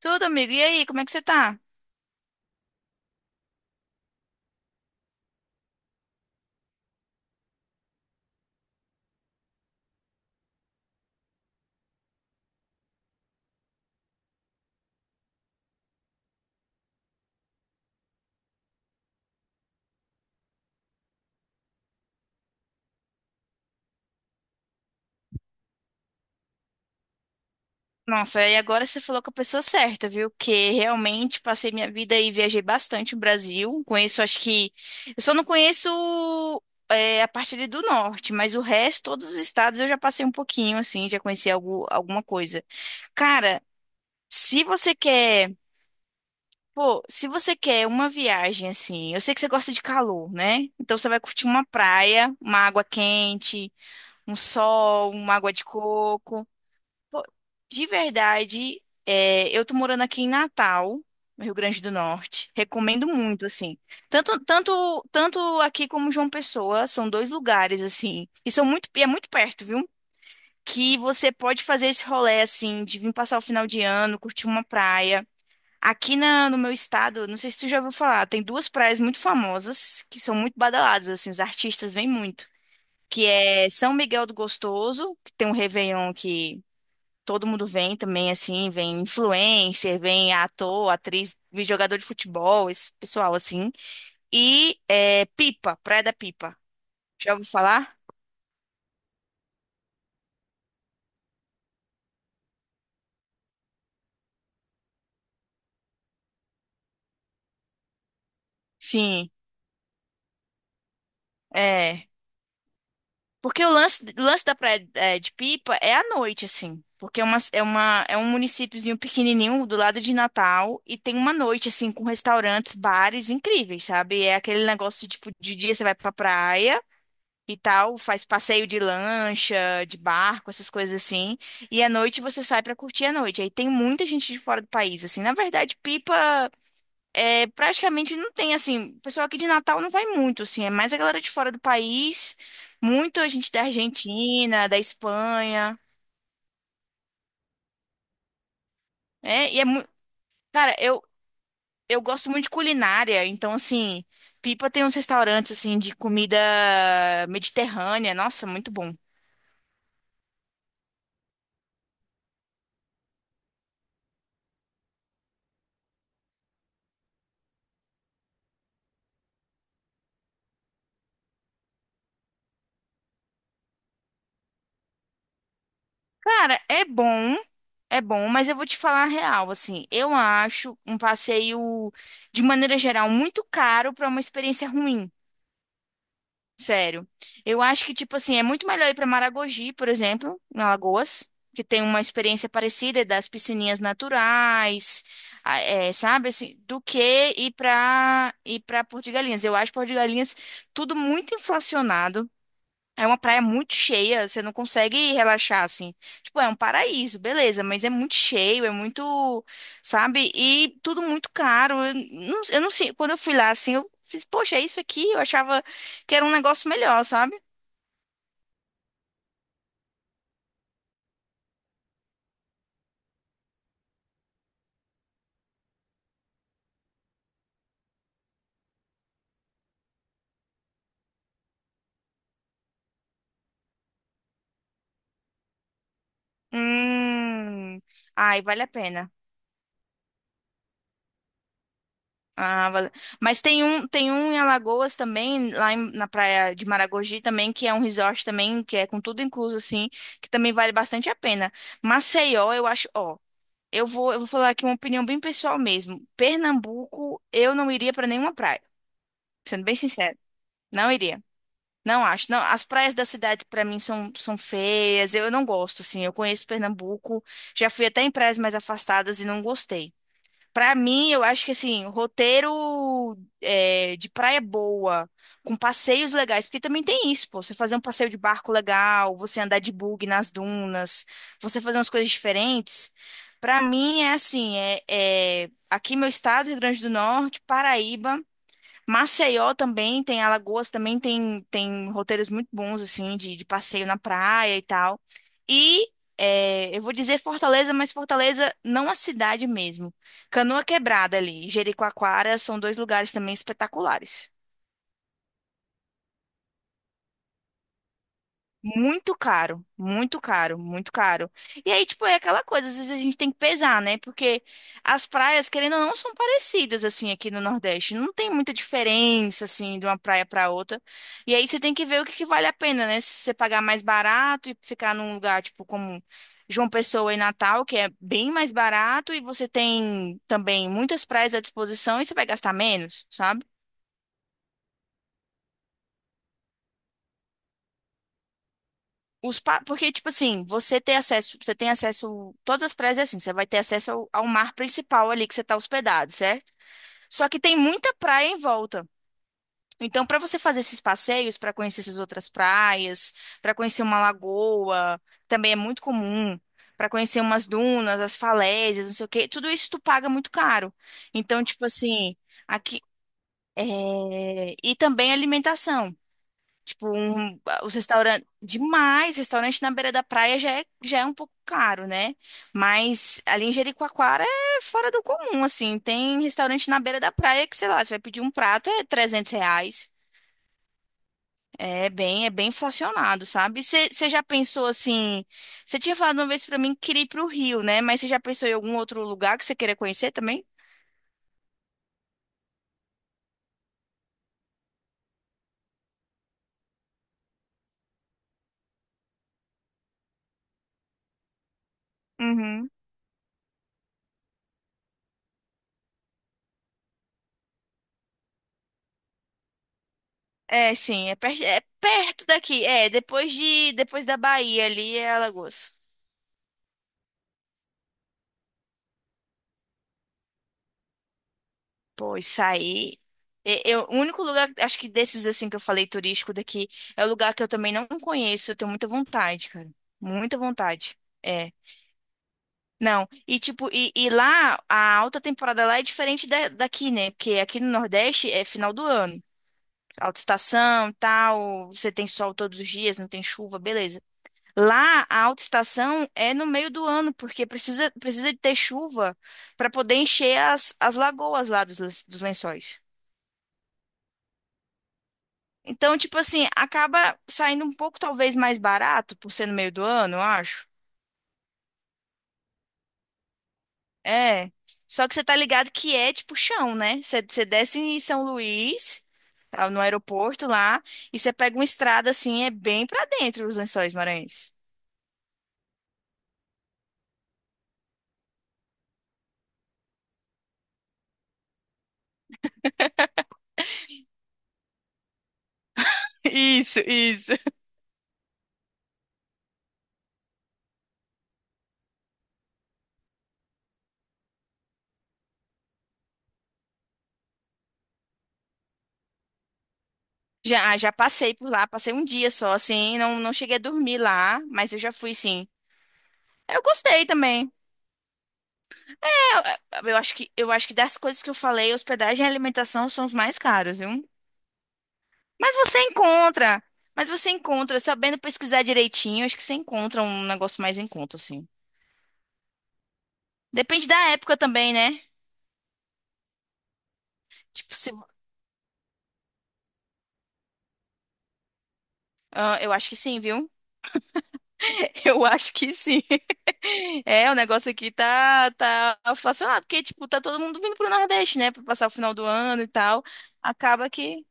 Tudo, amigo. E aí, como é que você tá? Nossa, e agora você falou com a pessoa certa, viu? Que realmente passei minha vida e viajei bastante no Brasil. Conheço, acho que. Eu só não conheço a parte ali do norte, mas o resto, todos os estados eu já passei um pouquinho, assim, já conheci algo, alguma coisa. Cara, se você quer. Pô, se você quer uma viagem, assim. Eu sei que você gosta de calor, né? Então você vai curtir uma praia, uma água quente, um sol, uma água de coco. Pô, de verdade, eu tô morando aqui em Natal, no Rio Grande do Norte. Recomendo muito, assim. Tanto aqui como João Pessoa, são dois lugares, assim. E são muito, e é muito perto, viu? Que você pode fazer esse rolê, assim, de vir passar o final de ano, curtir uma praia. No meu estado, não sei se tu já ouviu falar, tem duas praias muito famosas, que são muito badaladas, assim, os artistas vêm muito. Que é São Miguel do Gostoso, que tem um Réveillon que todo mundo vem também, assim, vem influencer, vem ator, atriz, vem jogador de futebol, esse pessoal, assim. E é, Pipa, Praia da Pipa. Já ouviu falar? Sim, é. Porque o lance da Praia é, de Pipa é à noite, assim. Porque é um municípiozinho pequenininho do lado de Natal e tem uma noite, assim, com restaurantes, bares incríveis, sabe? É aquele negócio, tipo, de dia você vai pra praia, e tal, faz passeio de lancha, de barco, essas coisas assim. E à noite você sai pra curtir a noite. Aí tem muita gente de fora do país, assim. Na verdade, Pipa é praticamente não tem assim, o pessoal aqui de Natal não vai muito, assim, é mais a galera de fora do país, muita gente da Argentina, da Espanha. É, e é muito, cara, eu gosto muito de culinária, então assim, Pipa tem uns restaurantes assim de comida mediterrânea, nossa, muito bom. Cara, é bom, mas eu vou te falar a real, assim, eu acho um passeio, de maneira geral, muito caro pra uma experiência ruim, sério. Eu acho que, tipo assim, é muito melhor ir pra Maragogi, por exemplo, em Alagoas, que tem uma experiência parecida é das piscininhas naturais, sabe, assim, do que ir pra Porto de Galinhas. Eu acho Porto de Galinhas tudo muito inflacionado. É uma praia muito cheia, você não consegue relaxar assim. Tipo, é um paraíso, beleza, mas é muito cheio, é muito, sabe? E tudo muito caro. Eu não sei, quando eu fui lá assim, eu fiz, poxa, é isso aqui? Eu achava que era um negócio melhor, sabe? Hum. Ai, vale a pena. Ah, vale. Mas tem um em Alagoas também, na praia de Maragogi também, que é um resort também, que é com tudo incluso assim, que também vale bastante a pena. Maceió, eu acho, ó. Eu vou falar aqui uma opinião bem pessoal mesmo. Pernambuco, eu não iria para nenhuma praia, sendo bem sincero. Não iria. Não acho. Não, as praias da cidade para mim são, são feias. Eu não gosto, assim. Eu conheço Pernambuco, já fui até em praias mais afastadas e não gostei. Pra mim, eu acho que assim, roteiro é, de praia boa, com passeios legais, porque também tem isso, pô, você fazer um passeio de barco legal, você andar de bug nas dunas, você fazer umas coisas diferentes. Pra mim é assim, é, é aqui meu estado, Rio Grande do Norte, Paraíba. Maceió também tem, Alagoas também tem, tem roteiros muito bons, assim, de passeio na praia e tal. E é, eu vou dizer Fortaleza, mas Fortaleza não a cidade mesmo. Canoa Quebrada ali, Jericoacoara são dois lugares também espetaculares. Muito caro, muito caro, muito caro. E aí, tipo, é aquela coisa, às vezes a gente tem que pesar, né? Porque as praias, querendo ou não, são parecidas, assim, aqui no Nordeste. Não tem muita diferença, assim, de uma praia para outra. E aí você tem que ver o que que vale a pena, né? Se você pagar mais barato e ficar num lugar, tipo, como João Pessoa e Natal, que é bem mais barato, e você tem também muitas praias à disposição e você vai gastar menos, sabe? Porque, tipo assim, você tem acesso, todas as praias é assim, você vai ter acesso ao mar principal ali que você está hospedado, certo? Só que tem muita praia em volta. Então, para você fazer esses passeios, para conhecer essas outras praias, para conhecer uma lagoa, também é muito comum, para conhecer umas dunas, as falésias, não sei o quê, tudo isso tu paga muito caro. Então, tipo assim, aqui. É, e também alimentação. Os restaurantes. Demais, restaurante na beira da praia já é um pouco caro, né? Mas ali em Jericoacoara é fora do comum, assim. Tem restaurante na beira da praia que, sei lá, você vai pedir um prato, é R$ 300. É bem inflacionado, sabe? Você já pensou assim? Você tinha falado uma vez pra mim que queria ir pro Rio, né? Mas você já pensou em algum outro lugar que você queira conhecer também? Uhum. É, sim, é, per é perto daqui. É, depois da Bahia ali é Alagoas. Pô, isso aí. Eu, o único lugar, acho que desses assim que eu falei turístico daqui, é o lugar que eu também não conheço. Eu tenho muita vontade, cara. Muita vontade. É. Não. E tipo, e lá, a alta temporada lá é diferente daqui, né? Porque aqui no Nordeste é final do ano. Alta estação, tal, você tem sol todos os dias, não tem chuva, beleza. Lá, a alta estação é no meio do ano, porque precisa de ter chuva para poder encher as lagoas lá dos, dos lençóis. Então, tipo assim, acaba saindo um pouco talvez mais barato, por ser no meio do ano, eu acho. É. Só que você tá ligado que é tipo chão, né? Você desce em São Luís, tá, no aeroporto lá, e você pega uma estrada assim, é bem pra dentro os Lençóis Maranhenses. Isso, isso. Já, ah, já passei por lá, passei um dia só, assim, não, não cheguei a dormir lá, mas eu já fui sim. Eu gostei também. É, eu, eu acho que das coisas que eu falei, hospedagem e alimentação são os mais caros, viu? Mas você encontra. Mas você encontra, sabendo pesquisar direitinho, acho que você encontra um negócio mais em conta, assim. Depende da época também, né? Tipo, se... Ah, eu acho que sim, viu? Eu acho que sim. É, o negócio aqui tá, tá inflacionado, porque, tipo, tá todo mundo vindo pro Nordeste, né? Pra passar o final do ano e tal. Acaba que.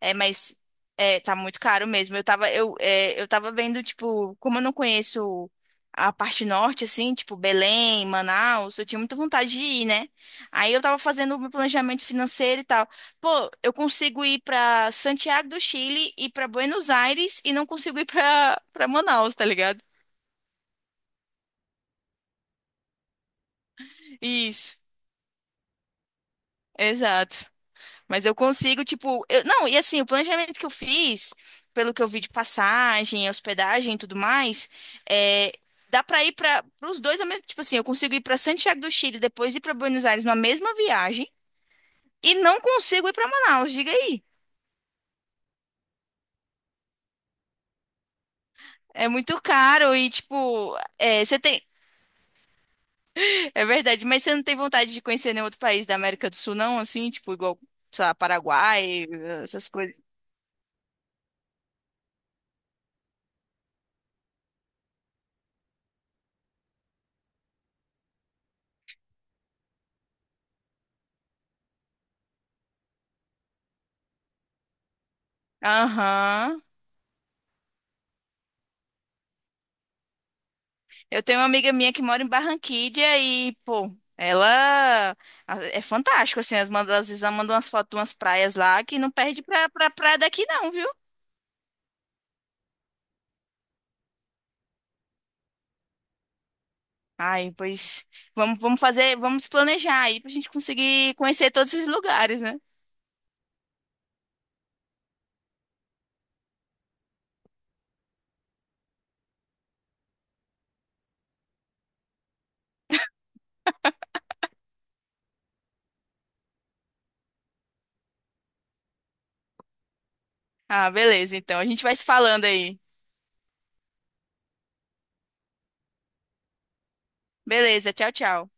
É, mas é, tá muito caro mesmo. Eu tava vendo, tipo, como eu não conheço a parte norte, assim, tipo, Belém, Manaus, eu tinha muita vontade de ir, né? Aí eu tava fazendo o meu planejamento financeiro e tal. Pô, eu consigo ir pra Santiago do Chile e pra Buenos Aires e não consigo ir pra Manaus, tá ligado? Isso, exato. Mas eu consigo, tipo, não, e assim, o planejamento que eu fiz, pelo que eu vi de passagem, hospedagem e tudo mais, é, dá pra ir para os dois ao mesmo, tipo assim, eu consigo ir pra Santiago do Chile, depois ir pra Buenos Aires na mesma viagem e não consigo ir pra Manaus, diga aí. É muito caro e tipo, é, você tem, é verdade, mas você não tem vontade de conhecer nenhum outro país da América do Sul não, assim, tipo igual, sei lá, Paraguai, essas coisas. Aham. Eu tenho uma amiga minha que mora em Barranquilla e, pô, ela é fantástico, assim, as manda, às vezes ela manda umas fotos de umas praias lá que não perde pra praia daqui não, viu? Ai, pois vamos fazer, vamos planejar aí pra gente conseguir conhecer todos esses lugares, né? Ah, beleza, então a gente vai se falando aí. Beleza, tchau, tchau.